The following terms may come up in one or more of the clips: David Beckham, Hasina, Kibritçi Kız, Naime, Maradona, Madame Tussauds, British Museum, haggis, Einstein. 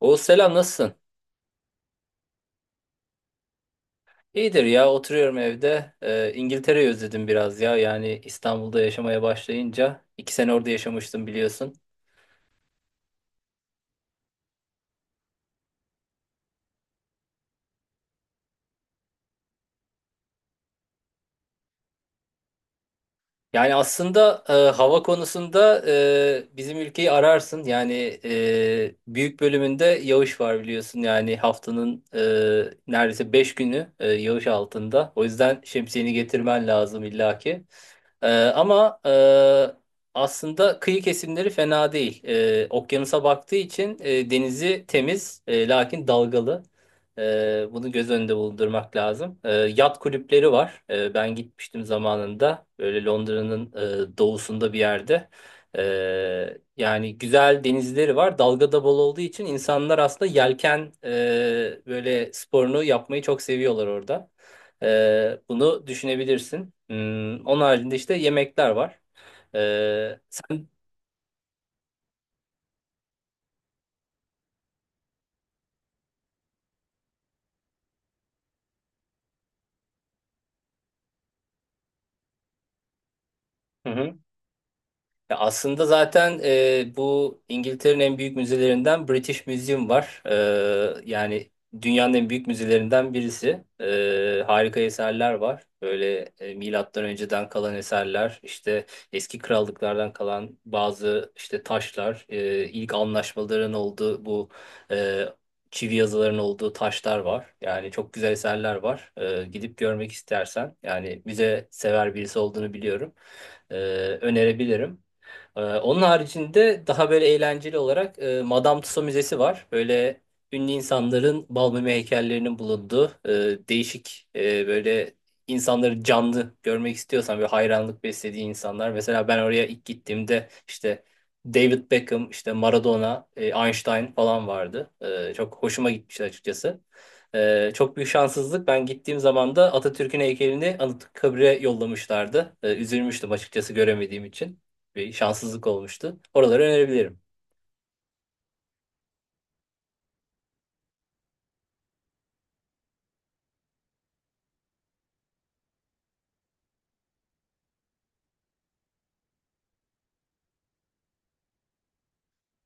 O selam nasılsın? İyidir ya oturuyorum evde. İngiltere'yi özledim biraz ya. Yani İstanbul'da yaşamaya başlayınca 2 sene orada yaşamıştım biliyorsun. Yani aslında, hava konusunda bizim ülkeyi ararsın. Yani büyük bölümünde yağış var biliyorsun. Yani haftanın neredeyse 5 günü yağış altında. O yüzden şemsiyeni getirmen lazım illaki. Ee, Ama aslında kıyı kesimleri fena değil. Okyanusa baktığı için denizi temiz, lakin dalgalı. Bunu göz önünde bulundurmak lazım. Yat kulüpleri var. Ben gitmiştim zamanında. Böyle Londra'nın doğusunda bir yerde. Yani güzel denizleri var. Dalga da bol olduğu için insanlar aslında yelken, böyle sporunu yapmayı çok seviyorlar orada. Bunu düşünebilirsin. Onun haricinde işte yemekler var. Ee, sen- Hı hı. Ya aslında zaten, bu İngiltere'nin en büyük müzelerinden British Museum var. Yani dünyanın en büyük müzelerinden birisi. Harika eserler var. Böyle milattan önceden kalan eserler, işte eski krallıklardan kalan bazı işte taşlar, ilk anlaşmaların olduğu bu e, çivi yazıların olduğu taşlar var. Yani çok güzel eserler var. Gidip görmek istersen, yani müze sever birisi olduğunu biliyorum. E, Önerebilirim. Onun haricinde daha böyle eğlenceli olarak Madame Tussauds Müzesi var. Böyle ünlü insanların bal mum heykellerinin bulunduğu, değişik, böyle insanları canlı görmek istiyorsan böyle hayranlık beslediği insanlar. Mesela ben oraya ilk gittiğimde işte David Beckham, işte Maradona, Einstein falan vardı. Çok hoşuma gitmişti açıkçası. Çok büyük şanssızlık. Ben gittiğim zaman da Atatürk'ün heykelini Anıtkabir'e yollamışlardı. Üzülmüştüm açıkçası göremediğim için bir şanssızlık olmuştu. Oraları önerebilirim.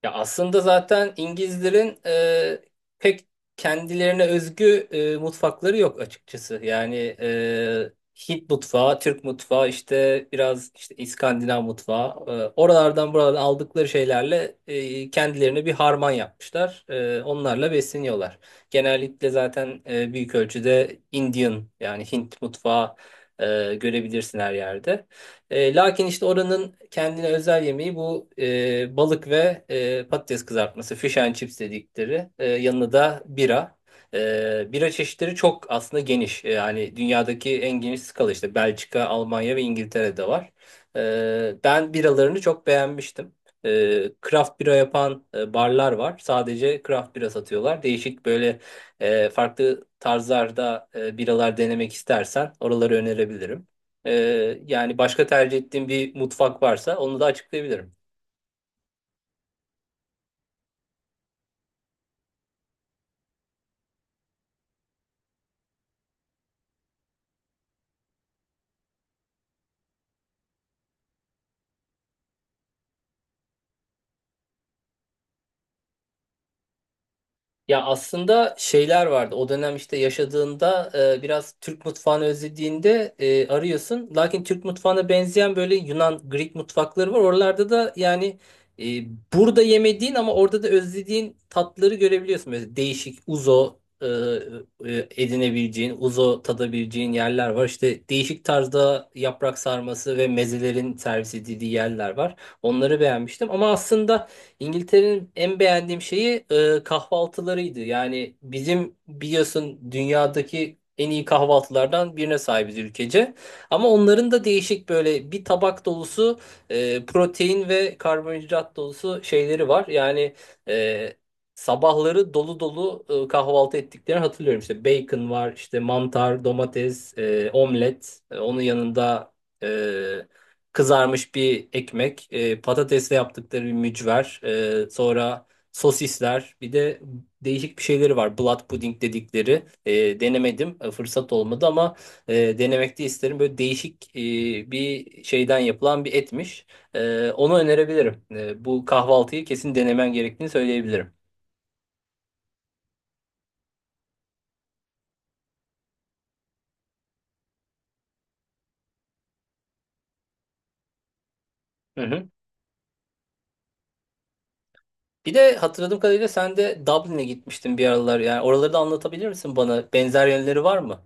Ya aslında zaten İngilizlerin pek kendilerine özgü mutfakları yok açıkçası. Yani e, Hint mutfağı, Türk mutfağı, işte biraz işte İskandinav mutfağı. Oralardan buradan aldıkları şeylerle kendilerine bir harman yapmışlar. Onlarla besleniyorlar. Genellikle zaten büyük ölçüde Indian yani Hint mutfağı görebilirsin her yerde. Lakin işte oranın kendine özel yemeği bu balık ve patates kızartması, fish and chips dedikleri. Yanına da bira. Bira çeşitleri çok aslında geniş. Yani dünyadaki en geniş skala işte Belçika, Almanya ve İngiltere'de var. Ben biralarını çok beğenmiştim. E, Craft bira yapan barlar var. Sadece craft bira satıyorlar. Değişik böyle, farklı tarzlarda biralar denemek istersen oraları önerebilirim. Yani başka tercih ettiğim bir mutfak varsa onu da açıklayabilirim. Ya aslında şeyler vardı. O dönem işte yaşadığında biraz Türk mutfağını özlediğinde arıyorsun. Lakin Türk mutfağına benzeyen böyle Yunan, Greek mutfakları var. Oralarda da yani, e, burada yemediğin ama orada da özlediğin tatları görebiliyorsun. Mesela değişik uzo e, edinebileceğin, uzo tadabileceğin yerler var. İşte değişik tarzda yaprak sarması ve mezelerin servis edildiği yerler var. Onları beğenmiştim. Ama aslında İngiltere'nin en beğendiğim şeyi kahvaltılarıydı. Yani bizim biliyorsun dünyadaki en iyi kahvaltılardan birine sahibiz ülkece. Ama onların da değişik böyle bir tabak dolusu protein ve karbonhidrat dolusu şeyleri var. Yani e, sabahları dolu dolu kahvaltı ettiklerini hatırlıyorum. İşte bacon var, işte mantar, domates, omlet. Onun yanında e, kızarmış bir ekmek, patatesle yaptıkları bir mücver, sonra sosisler, bir de değişik bir şeyleri var. Blood pudding dedikleri. Denemedim, fırsat olmadı ama denemek de isterim. Böyle değişik, bir şeyden yapılan bir etmiş. Onu önerebilirim. Bu kahvaltıyı kesin denemen gerektiğini söyleyebilirim. Hı hı. Bir de hatırladığım kadarıyla sen de Dublin'e gitmiştin bir aralar. Yani oraları da anlatabilir misin bana? Benzer yönleri var mı?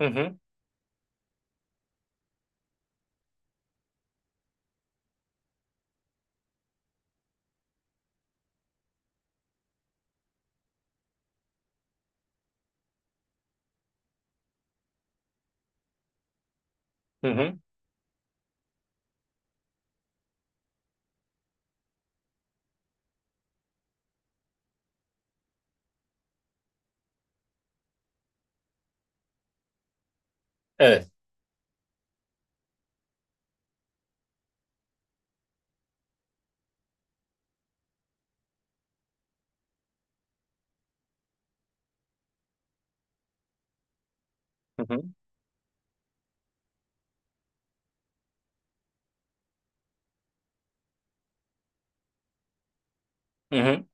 Hı hı. Hı hı. Evet. Hı hı. Hı hı.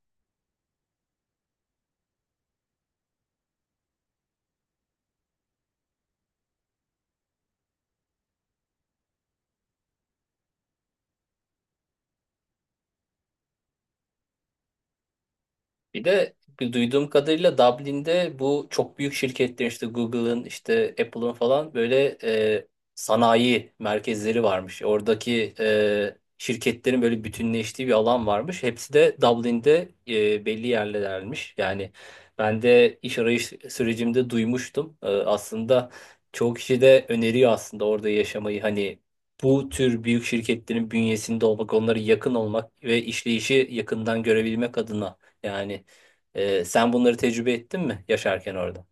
Bir de duyduğum kadarıyla Dublin'de bu çok büyük şirketler işte Google'ın işte Apple'ın falan böyle sanayi merkezleri varmış. Oradaki şirketlerin böyle bütünleştiği bir alan varmış. Hepsi de Dublin'de, belli yerlermiş. Yani ben de iş arayış sürecimde duymuştum. Aslında çoğu kişi de öneriyor aslında orada yaşamayı. Hani bu tür büyük şirketlerin bünyesinde olmak, onlara yakın olmak ve işleyişi yakından görebilmek adına. Yani, sen bunları tecrübe ettin mi yaşarken orada?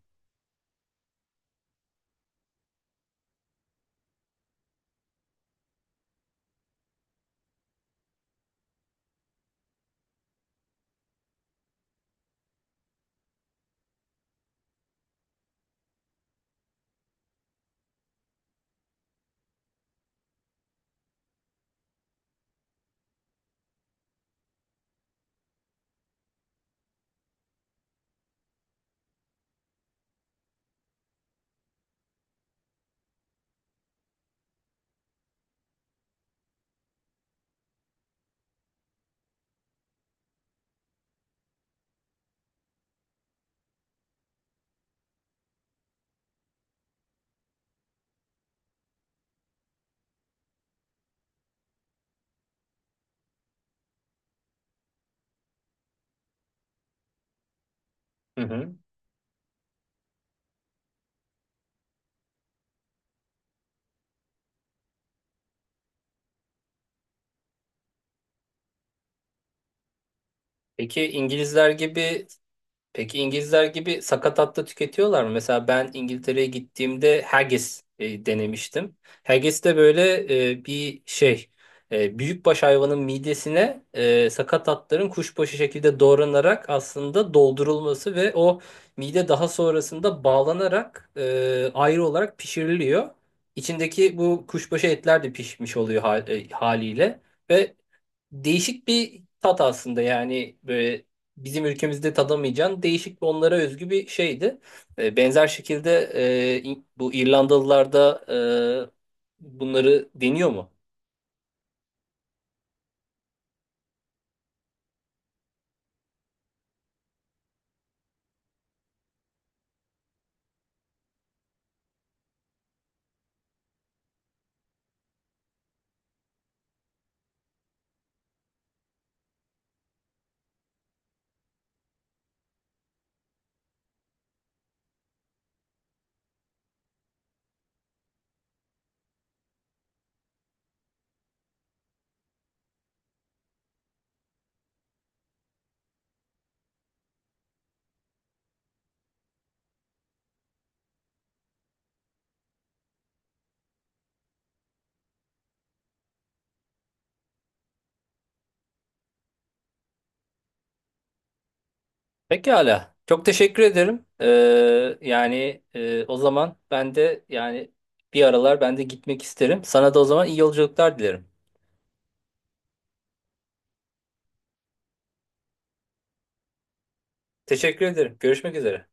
Hı hı. Peki İngilizler gibi Peki İngilizler gibi sakatat da tüketiyorlar mı? Mesela ben İngiltere'ye gittiğimde haggis denemiştim. Haggis de böyle e, bir şey büyükbaş hayvanın midesine, sakatatların kuşbaşı şekilde doğranarak aslında doldurulması ve o mide daha sonrasında bağlanarak ayrı olarak pişiriliyor. İçindeki bu kuşbaşı etler de pişmiş oluyor haliyle ve değişik bir tat aslında yani böyle bizim ülkemizde tadamayacağın değişik bir onlara özgü bir şeydi. Benzer şekilde bu İrlandalılarda bunları deniyor mu? Pekala. Çok teşekkür ederim. Yani o zaman ben de yani bir aralar ben de gitmek isterim. Sana da o zaman iyi yolculuklar dilerim. Teşekkür ederim. Görüşmek üzere.